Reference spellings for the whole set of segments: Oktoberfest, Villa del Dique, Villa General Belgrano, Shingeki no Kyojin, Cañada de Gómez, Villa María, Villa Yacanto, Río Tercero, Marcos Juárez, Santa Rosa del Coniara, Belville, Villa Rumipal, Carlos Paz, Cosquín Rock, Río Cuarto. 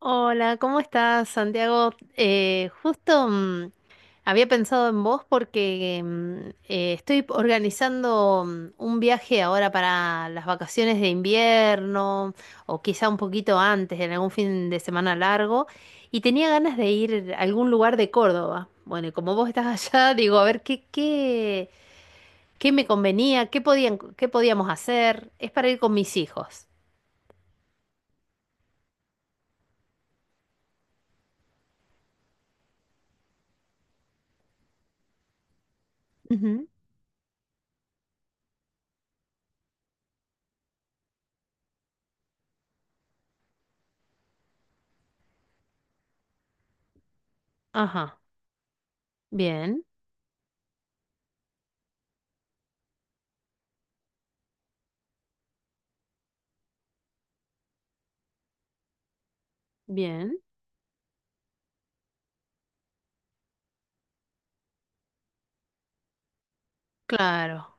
Hola, ¿cómo estás, Santiago? Eh, justo mm, había pensado en vos porque estoy organizando un viaje ahora para las vacaciones de invierno, o quizá un poquito antes, en algún fin de semana largo, y tenía ganas de ir a algún lugar de Córdoba. Bueno, y como vos estás allá, digo, a ver qué me convenía, qué podíamos hacer. Es para ir con mis hijos. Ujú. Ajá, bien, bien, claro.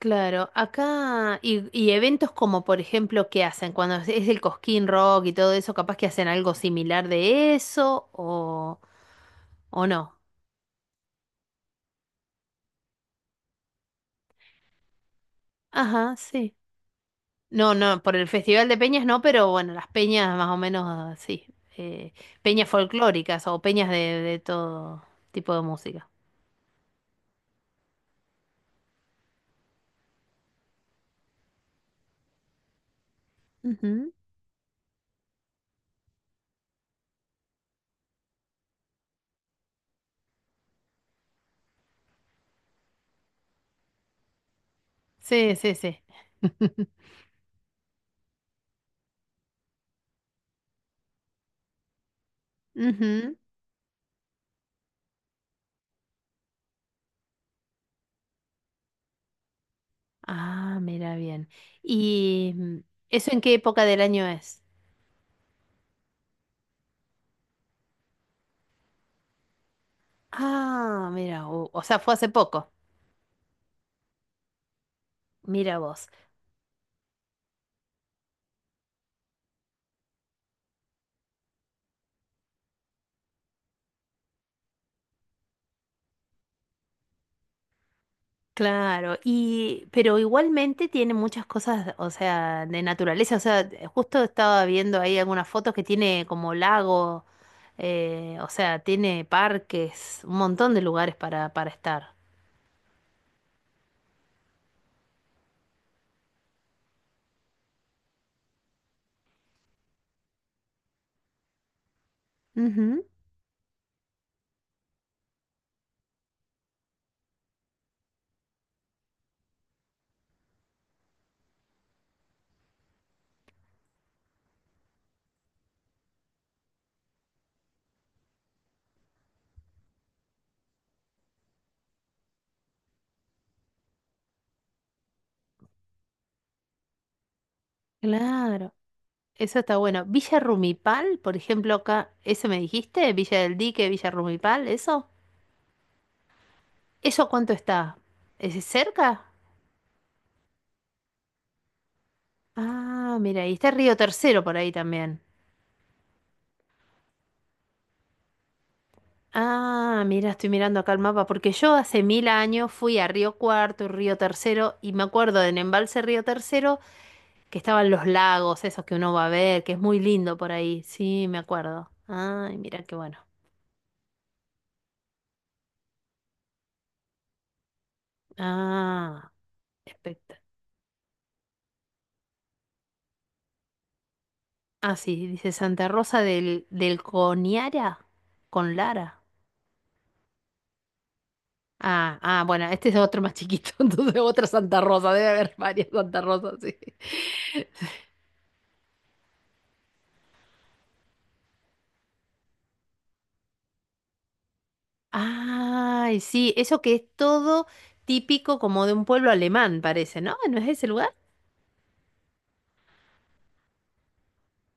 Claro, acá y eventos como por ejemplo, ¿qué hacen? Cuando es el Cosquín Rock y todo eso, capaz que hacen algo similar de eso o no. Ajá, sí. No, no, por el Festival de Peñas no, pero bueno, las peñas más o menos ah, sí. eh, Peñas folclóricas o peñas de todo tipo de música. Ujú. Sí, sí, sí. Ujú. Ah, mira bien. ¿Y mm, Eso, ¿en qué época del año es? Ah, mira, o sea, fue hace poco. Mira vos. Claro, y pero igualmente tiene muchas cosas, o sea, de naturaleza, o sea, justo estaba viendo ahí algunas fotos que tiene como lago, o sea, tiene parques, un montón de lugares para estar. Ujú, claro, eso está bueno. Villa Rumipal, por ejemplo, acá, ¿ese me dijiste? Villa del Dique, Villa Rumipal, ¿eso? ¿Eso cuánto está? ¿Es cerca? Ah, mira, y está Río Tercero por ahí también. Ah, mira, estoy mirando acá el mapa, porque yo hace mil años fui a Río Cuarto y Río Tercero, y me acuerdo del embalse Río Tercero, que estaban los lagos, esos que uno va a ver, que es muy lindo por ahí. Sí, me acuerdo. Ay, mira qué bueno. Ah, espectacular. Ah, sí, dice Santa Rosa del Coniara con Lara. Ah, ah, bueno, este es otro más chiquito, entonces otra Santa Rosa, debe haber varias Santa Rosas, sí. Ay, sí, eso que es todo típico como de un pueblo alemán, parece, ¿no? ¿No es ese lugar?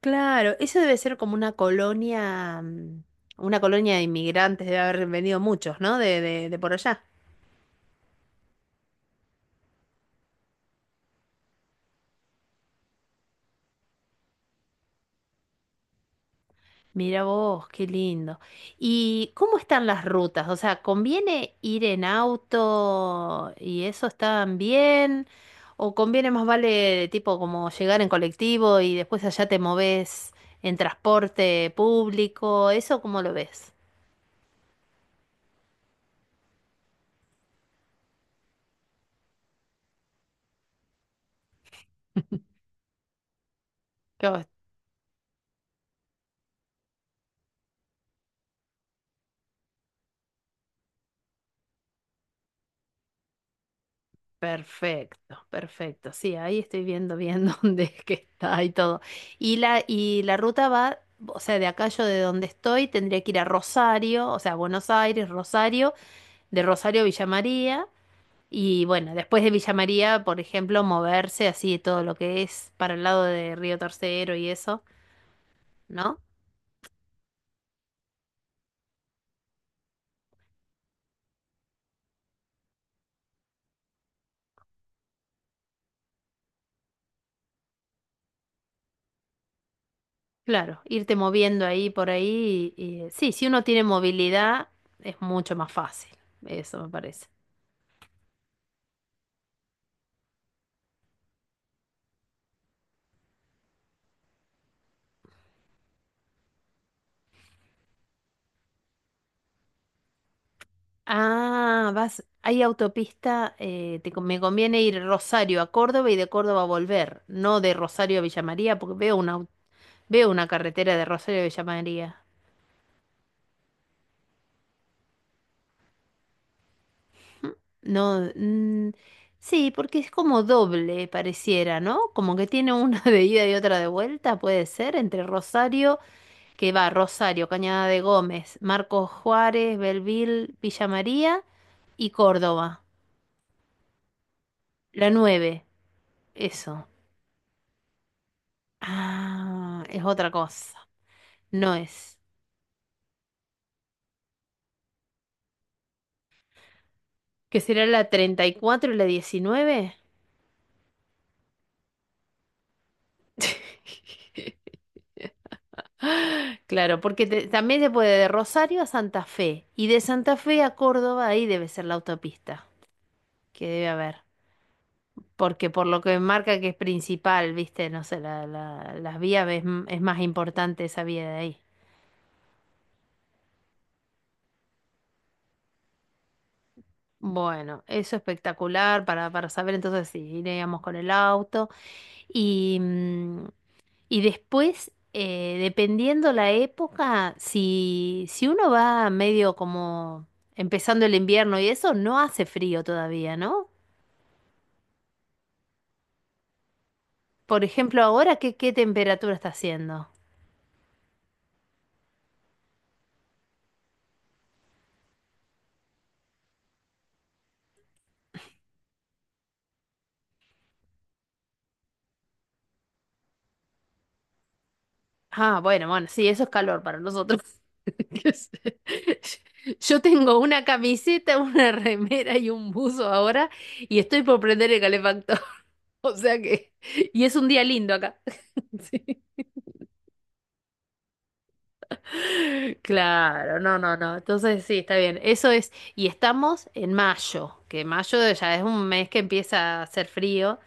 Claro, eso debe ser como una colonia, una colonia de inmigrantes, debe haber venido muchos, ¿no? De por allá. Mira vos, qué lindo. ¿Y cómo están las rutas? O sea, ¿conviene ir en auto y eso están bien? ¿O conviene más vale tipo como llegar en colectivo y después allá te moves en transporte público? ¿Eso cómo lo ves? Yo, perfecto, perfecto. Sí, ahí estoy viendo bien dónde es que está y todo. Y la ruta va, o sea, de acá, yo de donde estoy tendría que ir a Rosario, o sea, Buenos Aires, Rosario, de Rosario a Villa María. Y bueno, después de Villa María, por ejemplo, moverse así todo lo que es para el lado de Río Tercero y eso, ¿no? Claro, irte moviendo ahí por ahí. Sí, si uno tiene movilidad, es mucho más fácil. Eso me parece. Ah, vas, hay autopista, me conviene ir Rosario a Córdoba y de Córdoba a volver, no de Rosario a Villa María, porque veo veo una carretera de Rosario a Villa María. No, mm, Sí, porque es como doble, pareciera, ¿no? Como que tiene una de ida y otra de vuelta, puede ser, entre Rosario, que va Rosario, Cañada de Gómez, Marcos Juárez, Belville, Villa María y Córdoba. La 9, eso. Ah, es otra cosa. No es. ¿Que será la 34 y la 19? Claro, porque también se puede de Rosario a Santa Fe y de Santa Fe a Córdoba, ahí debe ser la autopista. Que debe haber. Porque por lo que marca que es principal, viste, no sé, las vías es, es más importante esa vía de ahí. Bueno, eso espectacular para saber entonces si iríamos con el auto. Y, mm, y después, dependiendo la época, si uno va medio como empezando el invierno y eso, no hace frío todavía, ¿no? Por ejemplo, ahora, ¿ qué temperatura está haciendo? Ah, bueno, bueno, sí, eso es calor para nosotros. Qué sé. Yo tengo una camiseta, una remera y un buzo ahora y estoy por prender el calefactor. O sea que, y es un día lindo acá. Sí. Claro, no, no, no. Entonces sí, está bien. Eso es, y estamos en mayo, que mayo ya es un mes que empieza a hacer frío,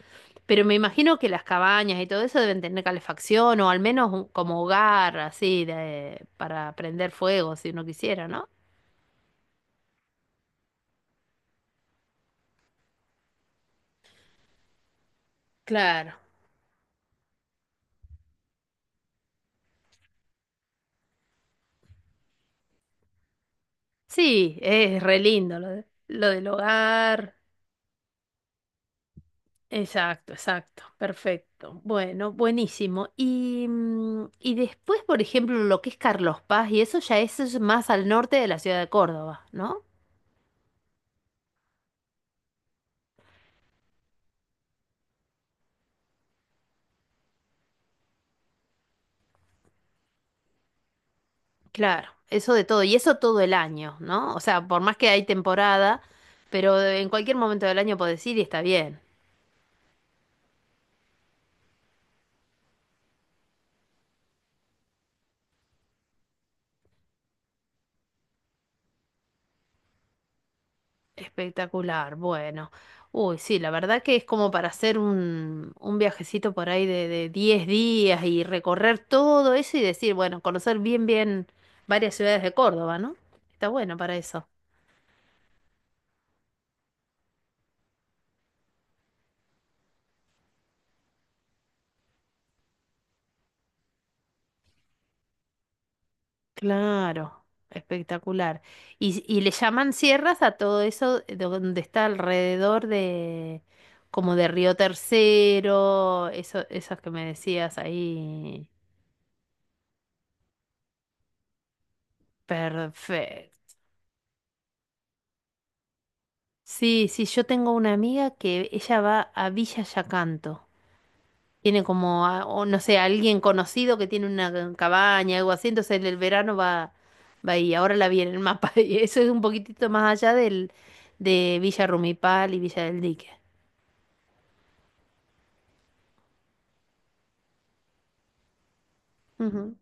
pero me imagino que las cabañas y todo eso deben tener calefacción o al menos como hogar así de, para prender fuego si uno quisiera, ¿no? Claro. Sí, es re lindo lo del hogar. Exacto, exacto. Perfecto. Bueno, buenísimo. Y después, por ejemplo, lo que es Carlos Paz, y eso, ya eso es más al norte de la ciudad de Córdoba, ¿no? Claro, eso de todo. Y eso todo el año, ¿no? O sea, por más que hay temporada, pero en cualquier momento del año podés ir y está bien. Espectacular, bueno. Uy, sí, la verdad que es como para hacer un viajecito por ahí de 10 días y recorrer todo eso y decir, bueno, conocer bien, bien varias ciudades de Córdoba, ¿no? Está bueno para eso. Claro, espectacular. Y le llaman sierras a todo eso donde está alrededor de, como de Río Tercero, eso, esas que me decías ahí. Perfecto. Sí, sí, yo tengo una amiga que ella va a Villa Yacanto. Tiene como, o no sé, alguien conocido que tiene una cabaña, algo así, entonces en el verano va, va ahí. Ahora la vi en el mapa y eso es un poquitito más allá del, de Villa Rumipal y Villa del Dique. Ujú.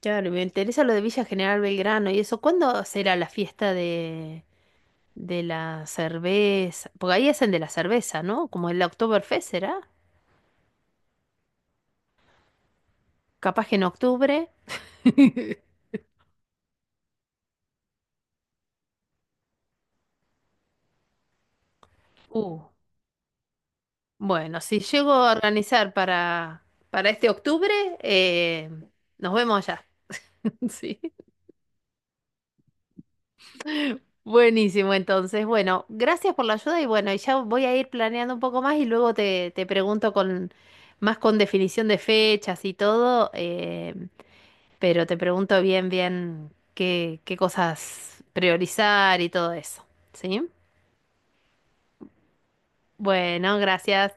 Claro, me interesa lo de Villa General Belgrano y eso. ¿Cuándo será la fiesta de la cerveza? Porque ahí hacen de la cerveza, ¿no? Como el Oktoberfest será. Capaz que en octubre. Uh. Bueno, si llego a organizar para este octubre, eh, nos vemos allá. Sí. Buenísimo, entonces. Bueno, gracias por la ayuda y bueno, y ya voy a ir planeando un poco más y luego te, te pregunto con más con definición de fechas y todo, pero te pregunto bien, bien qué, qué cosas priorizar y todo eso. ¿Sí? Bueno, gracias.